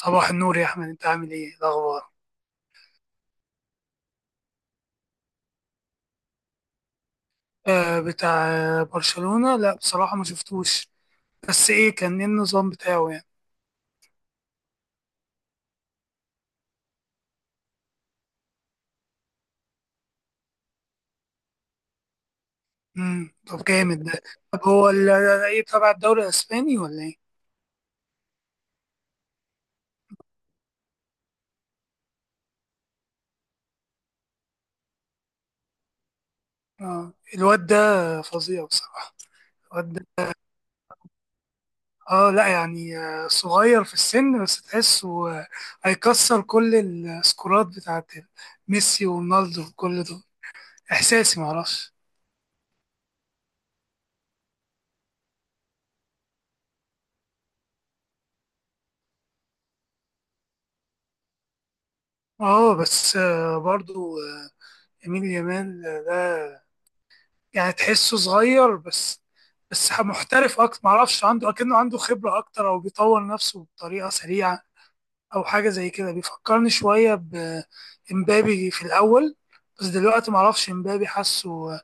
صباح النور يا احمد، انت عامل ايه؟ إيه الاخبار؟ آه، بتاع برشلونة. لا بصراحة ما شفتوش. بس ايه كان ايه النظام بتاعه يعني؟ طب جامد ده. طب هو ايه، تبع الدوري الاسباني ولا ايه؟ اه الواد ده فظيع بصراحة. الواد ده، اه لا يعني، صغير في السن بس تحسه، هيكسر كل السكورات بتاعت ميسي ورونالدو وكل دول. احساسي معرفش. اه بس برضو، يمين يامال ده، يعني تحسه صغير بس. بس محترف اكتر، معرفش، عنده اكنه عنده خبرة اكتر او بيطور نفسه بطريقة سريعة، او حاجة زي كده. بيفكرني شوية بامبابي في الاول، بس دلوقتي معرفش امبابي حاسه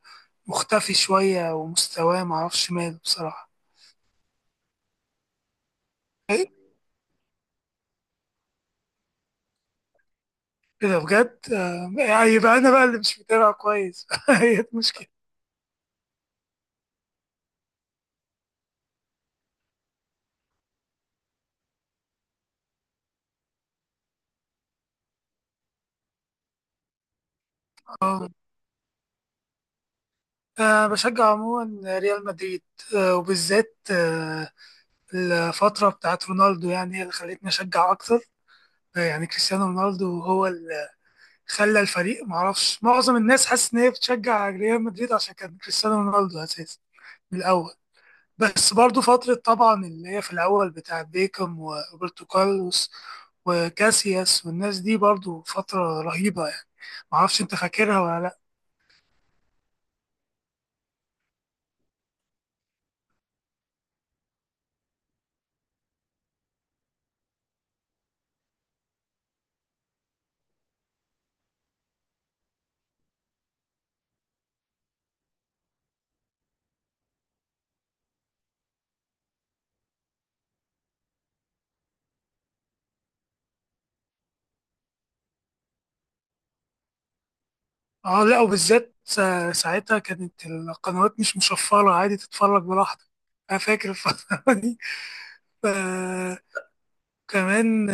مختفي شوية ومستواه معرفش ماله بصراحة. إيه؟ كده بجد؟ يعني يبقى انا بقى اللي مش متابع كويس هي المشكلة. آه، بشجع عموما ريال مدريد. آه، وبالذات آه، الفترة بتاعت رونالدو، يعني هي اللي خلتني أشجع أكتر. يعني كريستيانو رونالدو هو اللي خلى الفريق، معرفش، معظم الناس حاسس إن هي بتشجع ريال مدريد عشان كان كريستيانو رونالدو أساسي من الأول. بس برضو فترة طبعا اللي هي في الأول بتاعت بيكم وروبرتو كارلوس وكاسياس والناس دي برضو فترة رهيبة يعني. معرفش أنت فاكرها ولا لأ. اه لا، وبالذات ساعتها كانت القنوات مش مشفرة، عادي تتفرج براحتك. أنا فاكر الفترة دي كمان.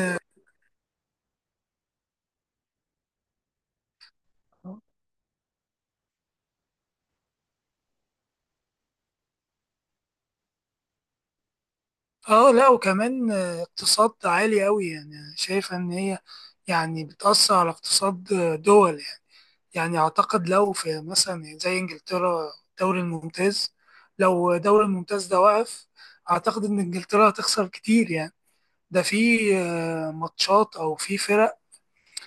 اه لا، وكمان اقتصاد عالي قوي، يعني شايفة ان هي يعني بتأثر على اقتصاد دول يعني. يعني اعتقد لو في مثلا زي انجلترا الدوري الممتاز، لو الدوري الممتاز ده وقف، اعتقد ان انجلترا هتخسر كتير يعني. ده في ماتشات او في فرق.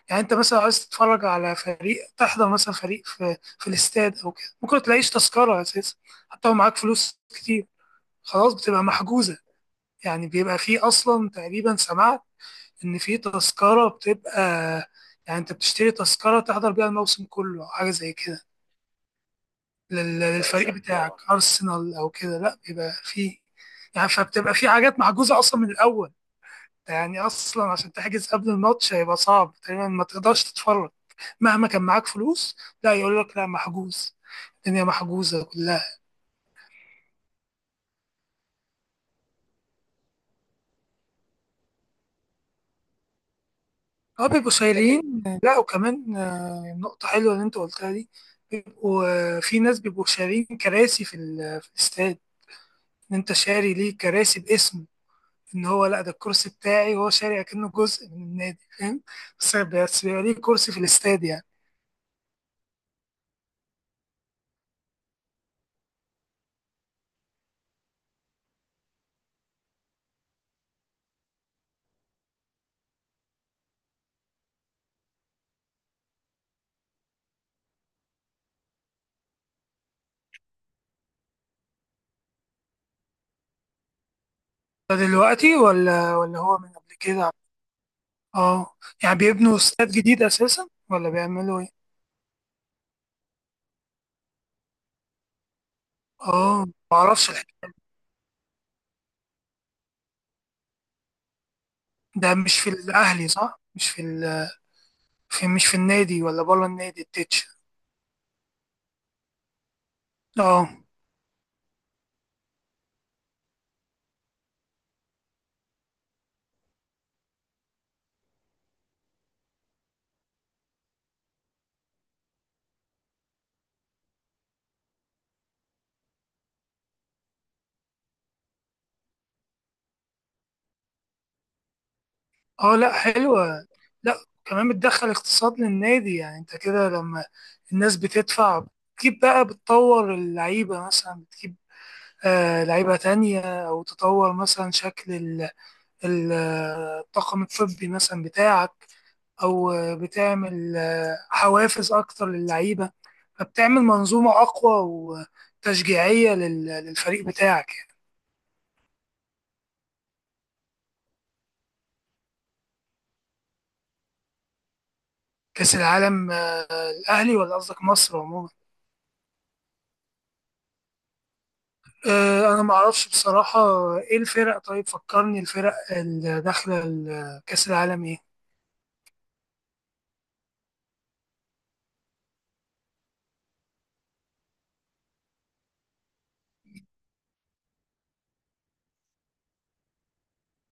يعني انت مثلا عايز تتفرج على فريق، تحضر مثلا فريق في الاستاد او كده، ممكن تلاقيش تذكرة اساسا، حتى لو معاك فلوس كتير. خلاص، بتبقى محجوزة. يعني بيبقى فيه أصلا، تقريبا سمعت إن فيه تذكرة بتبقى، يعني أنت بتشتري تذكرة تحضر بيها الموسم كله أو حاجة زي كده. يا للفريق سلام بتاعك أرسنال أو كده، لأ بيبقى فيه، يعني فبتبقى فيه حاجات محجوزة أصلا من الأول. يعني أصلا عشان تحجز قبل الماتش هيبقى صعب، تقريبا ما تقدرش تتفرج مهما كان معاك فلوس. لا يقول لك لا، محجوز، الدنيا محجوزة كلها. اه بيبقوا لكن شايلين. لا وكمان، نقطة حلوة اللي انت قلتها دي. بيبقوا، في ناس بيبقوا شارين كراسي في الاستاد. ان انت شاري ليه كراسي باسم، ان هو لا، ده الكرسي بتاعي، وهو شاري اكنه جزء من النادي، فاهم. بس بيبقى ليه كرسي في الاستاد يعني. ده دلوقتي ولا هو من قبل كده؟ اه. يعني بيبنوا استاد جديد اساسا ولا بيعملوا ايه؟ اه معرفش الحقيقة. ده مش في الاهلي صح؟ مش في مش في النادي ولا بره النادي التتش؟ اه. اه لا حلوة. لا كمان بتدخل اقتصاد للنادي، يعني انت كده لما الناس بتدفع، بتجيب بقى، بتطور اللعيبة مثلا، بتجيب آه لعيبة تانية، أو تطور مثلا شكل الطاقم الطبي مثلا بتاعك، أو بتعمل حوافز أكتر للعيبة، فبتعمل منظومة أقوى وتشجيعية للفريق بتاعك يعني. كأس العالم؟ الأهلي ولا قصدك مصر عموما؟ آه، انا ما اعرفش بصراحه. ايه الفرق طيب؟ فكرني الفرق اللي داخله كاس العالم ايه.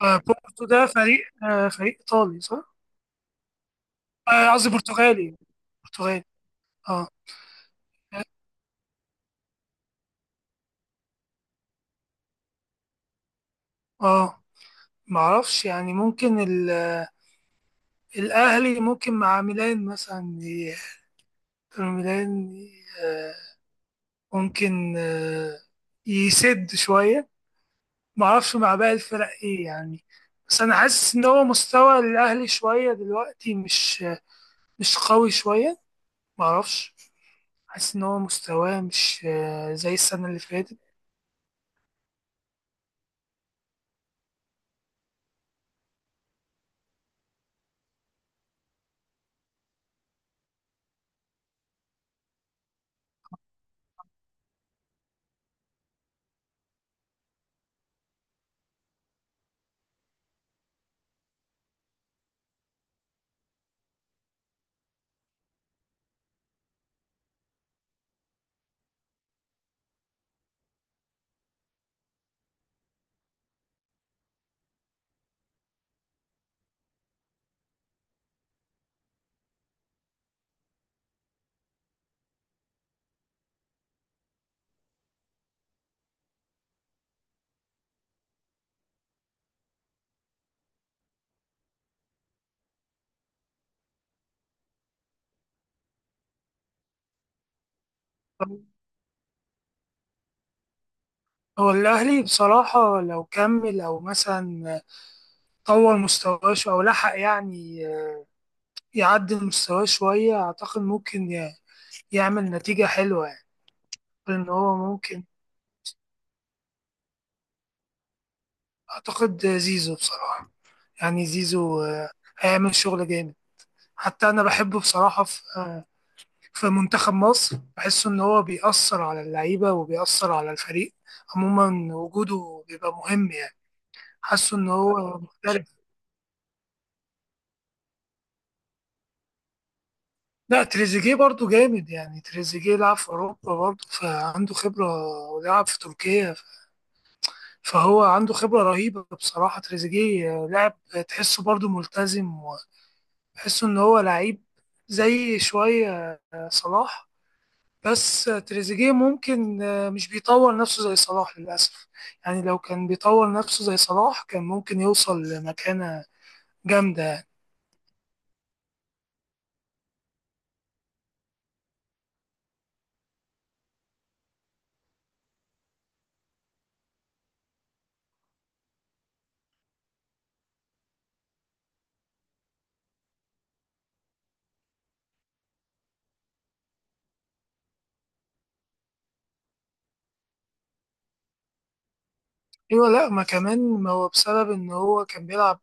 بورتو ده فريق، فريق ايطالي صح؟ آه، قصدي برتغالي. برتغالي. اه. اه ما اعرفش يعني. ممكن الاهلي ممكن مع ميلان مثلا، ميلان، آه، ممكن، يسد شويه. ما اعرفش مع باقي الفرق ايه يعني. بس انا حاسس ان هو مستوى الاهلي شويه دلوقتي مش قوي شويه. معرفش، حاسس إن هو مستواه مش زي السنة اللي فاتت. هو الأهلي بصراحة لو كمل أو مثلا طور مستواه أو لحق يعني، يعدل مستواه شوية، أعتقد ممكن يعمل نتيجة حلوة يعني، إن هو ممكن. أعتقد زيزو بصراحة. يعني زيزو، هيعمل شغل جامد. حتى أنا بحبه بصراحة في منتخب مصر. بحس إن هو بيأثر على اللعيبة وبيأثر على الفريق عموما. وجوده بيبقى مهم يعني. حاسه ان هو مختلف. لا تريزيجيه برضو جامد يعني. تريزيجيه لعب في اوروبا برضو، فعنده خبره، ولعب في تركيا. فهو عنده خبره رهيبه بصراحه. تريزيجيه لاعب، تحسه برضو ملتزم، وتحسه ان هو لعيب زي شويه صلاح. بس تريزيجيه ممكن مش بيطور نفسه زي صلاح للاسف. يعني لو كان بيطور نفسه زي صلاح كان ممكن يوصل لمكانه جامده. ايوه. لا، ما كمان ما هو بسبب ان هو كان بيلعب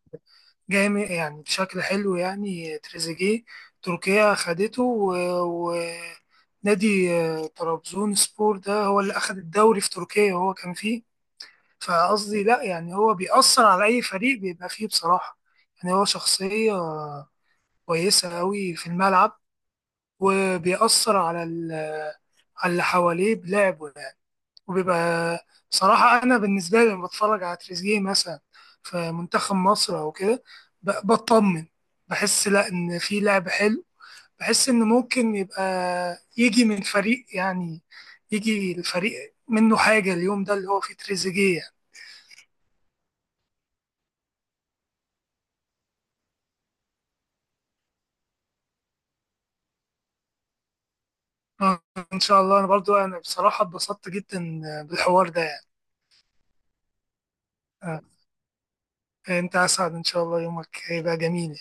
جامد يعني، بشكل حلو يعني. تريزيجيه، تركيا خدته، ونادي طرابزون سبور ده هو اللي أخد الدوري في تركيا وهو كان فيه. فقصدي لا، يعني هو بيأثر على أي فريق بيبقى فيه بصراحة. يعني هو شخصية كويسة أوي في الملعب، وبيأثر على على اللي حواليه بلعبه يعني. وبيبقى بصراحة أنا بالنسبة لي لما بتفرج على تريزيجيه مثلا في منتخب مصر أو كده، بطمن، بحس لا إن في لعب حلو، بحس إن ممكن يبقى يجي من فريق يعني، يجي الفريق منه حاجة اليوم ده اللي هو فيه تريزيجيه يعني. آه، إن شاء الله. أنا برضو أنا بصراحة اتبسطت جدا بالحوار ده يعني. آه، أنت أسعد، إن شاء الله يومك هيبقى جميل.